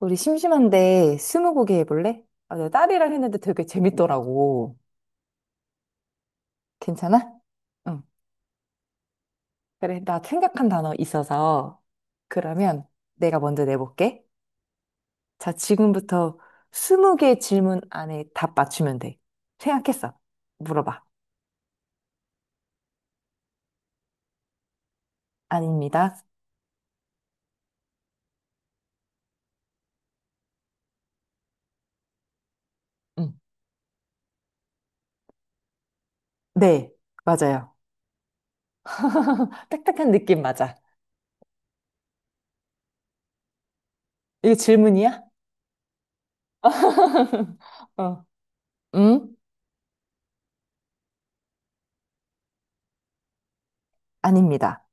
우리 심심한데 스무고개 해볼래? 아, 내 딸이랑 했는데 되게 재밌더라고. 괜찮아? 응. 그래, 나 생각한 단어 있어서 그러면 내가 먼저 내볼게. 자, 지금부터 스무 개 질문 안에 답 맞추면 돼. 생각했어. 물어봐. 아닙니다. 응. 네, 맞아요. 딱딱한 느낌 맞아. 이거 질문이야? 어. 응? 아닙니다.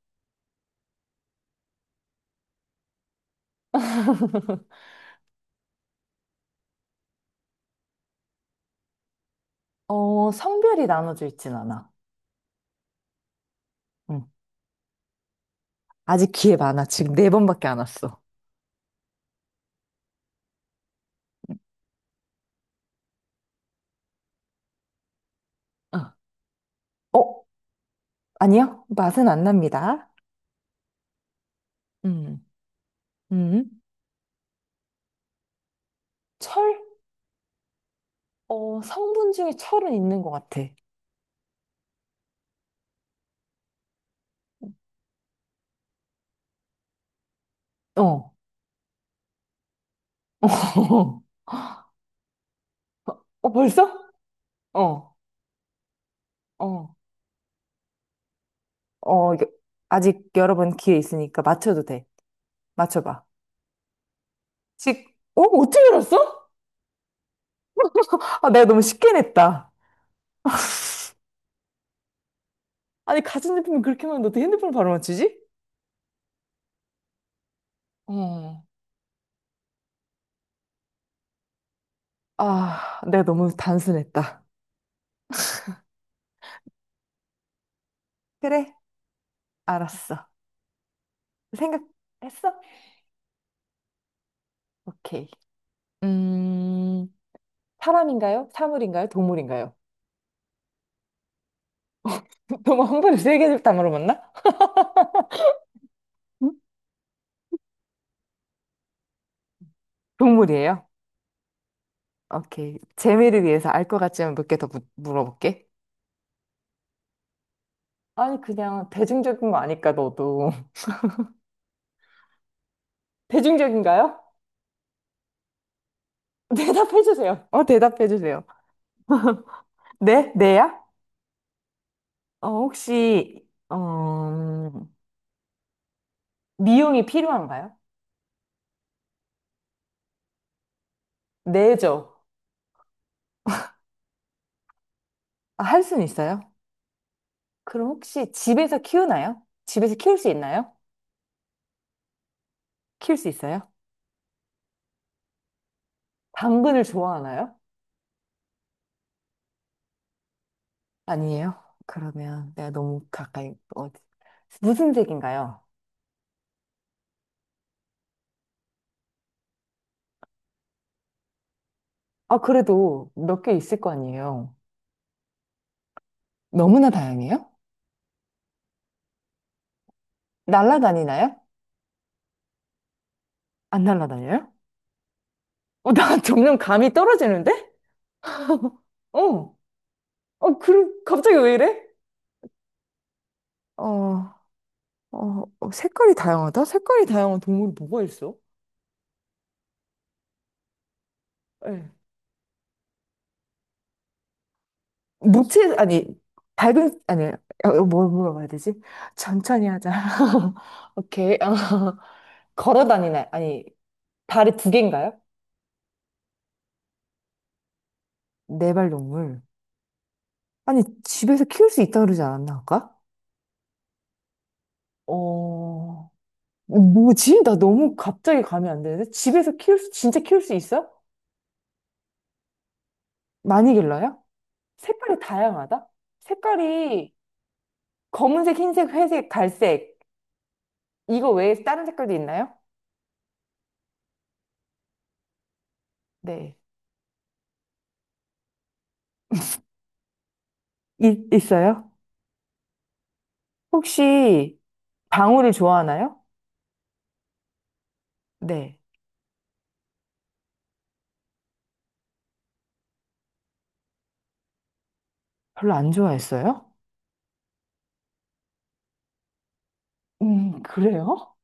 어, 성별이 나눠져 있진 않아. 응. 아직 기회 많아. 지금 네 번밖에 안 왔어. 어, 어, 아니요. 맛은 안 납니다. 음, 음. 철? 어, 성분 중에 철은 있는 것 같아. 어. 어, 벌써? 어, 어, 어. 이게 아직 여러 번 기회 있으니까 맞춰도 돼. 맞춰봐. 직, 어? 어떻게 알았어? 아, 내가 너무 쉽게 냈다. 아니, 가전제품이 그렇게 많은데 어떻게 핸드폰을 바로 맞추지? 어. 아, 내가 너무 단순했다. 그래, 알았어. 생각했어? 오케이. 음, 사람인가요? 사물인가요? 동물인가요? 너무 흥분을 세 개를 다 물어봤나? 응? 동물이에요. 오케이. 재미를 위해서 알 것 같지만 몇 개 더 물어볼게. 아니, 그냥 대중적인 거 아니까, 너도. 대중적인가요? 대답해주세요. 어, 대답해주세요. 네? 네야? 어, 혹시, 어, 미용이 필요한가요? 네죠. 아, 할 수는 있어요? 그럼 혹시 집에서 키우나요? 집에서 키울 수 있나요? 키울 수 있어요? 당근을 좋아하나요? 아니에요? 그러면 내가 너무 가까이, 어디, 무슨 색인가요? 아, 그래도 몇 개 있을 거 아니에요? 너무나 다양해요? 날라다니나요? 안 날라다녀요? 어, 나 점점 감이 떨어지는데? 어, 그래, 갑자기 왜 이래? 어, 색깔이 다양하다? 색깔이 다양한 동물이 뭐가 있어? 예. 무채, 아니, 밝은, 아니, 어, 어, 뭘 물어봐야 되지? 천천히 하자. 오케이. 어, 걸어 다니네. 아니, 다리 두 개인가요? 네 발 동물. 아니, 집에서 키울 수 있다 그러지 않았나 아까? 어, 뭐지? 나 너무 갑자기 감이 안 되는데? 집에서 키울 수, 진짜 키울 수 있어? 많이 길러요? 색깔이 다양하다? 색깔이 검은색, 흰색, 회색, 갈색. 이거 외에 다른 색깔도 있나요? 네. 있어요? 혹시 방울이 좋아하나요? 네. 별로 안 좋아했어요? 그래요?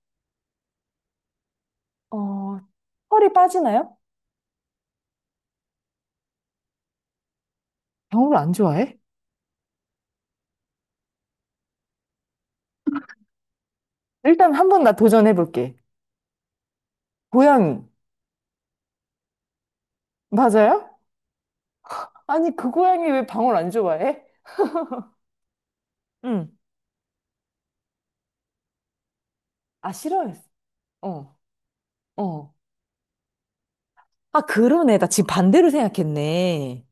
어, 털이 빠지나요? 방울을 안 좋아해? 일단 한 번 나 도전해볼게. 고양이. 맞아요? 아니, 그 고양이 왜 방울 안 좋아해? 응. 아, 싫어했어. 어, 어. 아, 그러네. 나 지금 반대로 생각했네.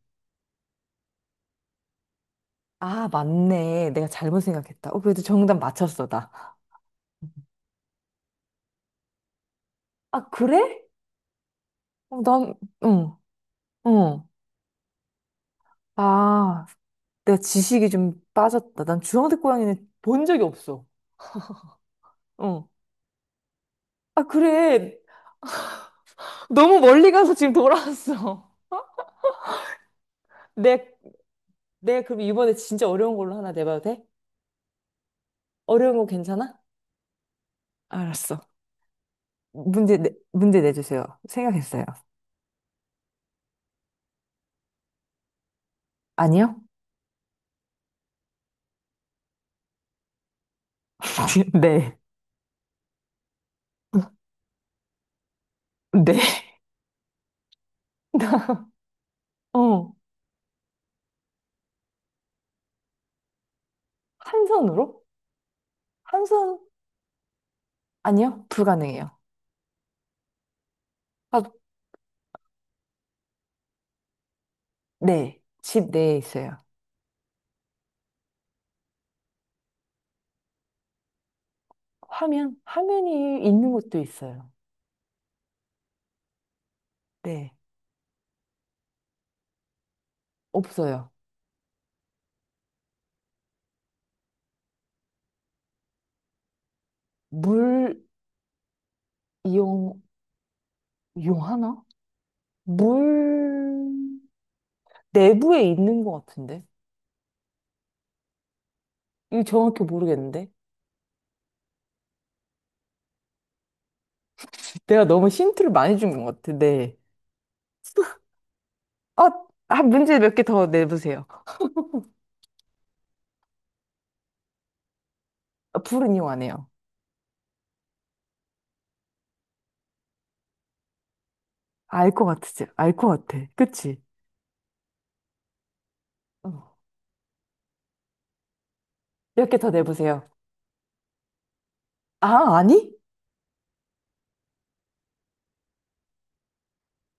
아, 맞네. 내가 잘못 생각했다. 어, 그래도 정답 맞췄어, 나. 아, 그래? 어, 난, 응, 응. 아, 내가 지식이 좀 빠졌다. 난 주황색 고양이는 본 적이 없어. 어. 아, 그래. 너무 멀리 가서 지금 돌아왔어. 내, 그럼 이번에 진짜 어려운 걸로 하나 내봐도 돼? 어려운 거 괜찮아? 알았어. 문제 내주세요. 생각했어요. 아니요? 네. 네. 나, 어. 한 손으로? 한 손? 아니요? 불가능해요. 아, 네. 집 내에 있어요. 화면? 화면이 있는 곳도 있어요. 네. 없어요. 물, 이용, 이용하나? 물 내부에 있는 것 같은데? 이거 정확히 모르겠는데? 내가 너무 힌트를 많이 준 것 같아, 네. 어, 아, 문제 몇 개 더 내보세요. 아, 불은 이용 안 해요. 알 것 같지? 알 것 같아. 그치? 어. 몇 개 더 내보세요. 아, 아니?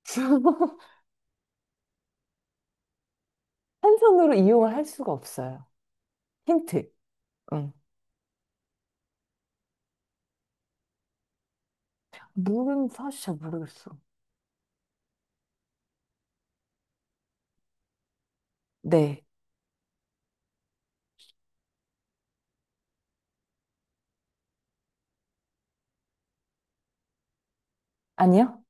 한 손으로 이용을 할 수가 없어요. 힌트. 응. 물은 사실 잘 모르겠어. 네. 아니요?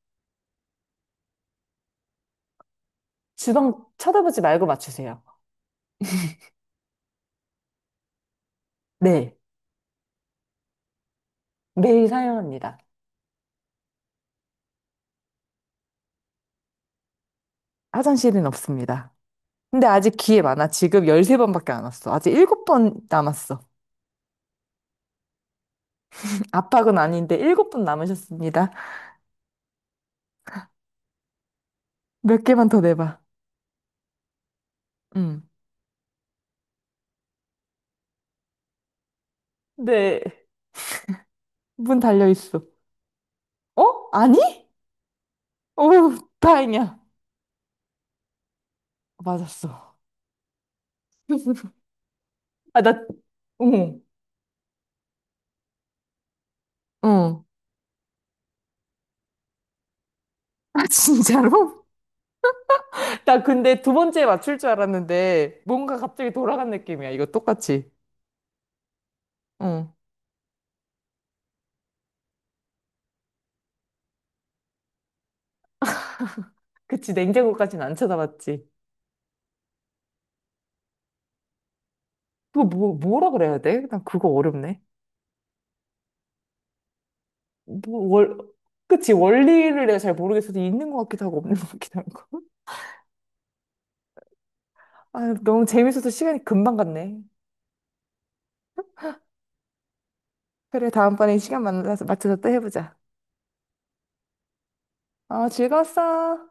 주방 쳐다보지 말고 맞추세요. 네. 매일 사용합니다. 화장실은 없습니다. 근데 아직 기회 많아. 지금 13번밖에 안 왔어. 아직 7번 남았어. 압박은 아닌데 7번 남으셨습니다. 몇 개만 더 내봐. 응. 네. 문 달려 있어. 어? 아니? 오, 다행이야. 맞았어. 아, 나, 응. 응. 아, 진짜로? 나 근데 두 번째에 맞출 줄 알았는데 뭔가 갑자기 돌아간 느낌이야. 이거 똑같이. 응. 그치, 냉장고까지는 안 쳐다봤지. 그거 뭐, 뭐라 그래야 돼? 난 그거 어렵네. 뭐, 월, 그치, 원리를 내가 잘 모르겠어서 있는 것 같기도 하고 없는 것 같기도 하고. 아, 너무 재밌어서 시간이 금방 갔네. 그래, 다음번에 시간 만나서 맞춰서 또 해보자. 아, 즐거웠어.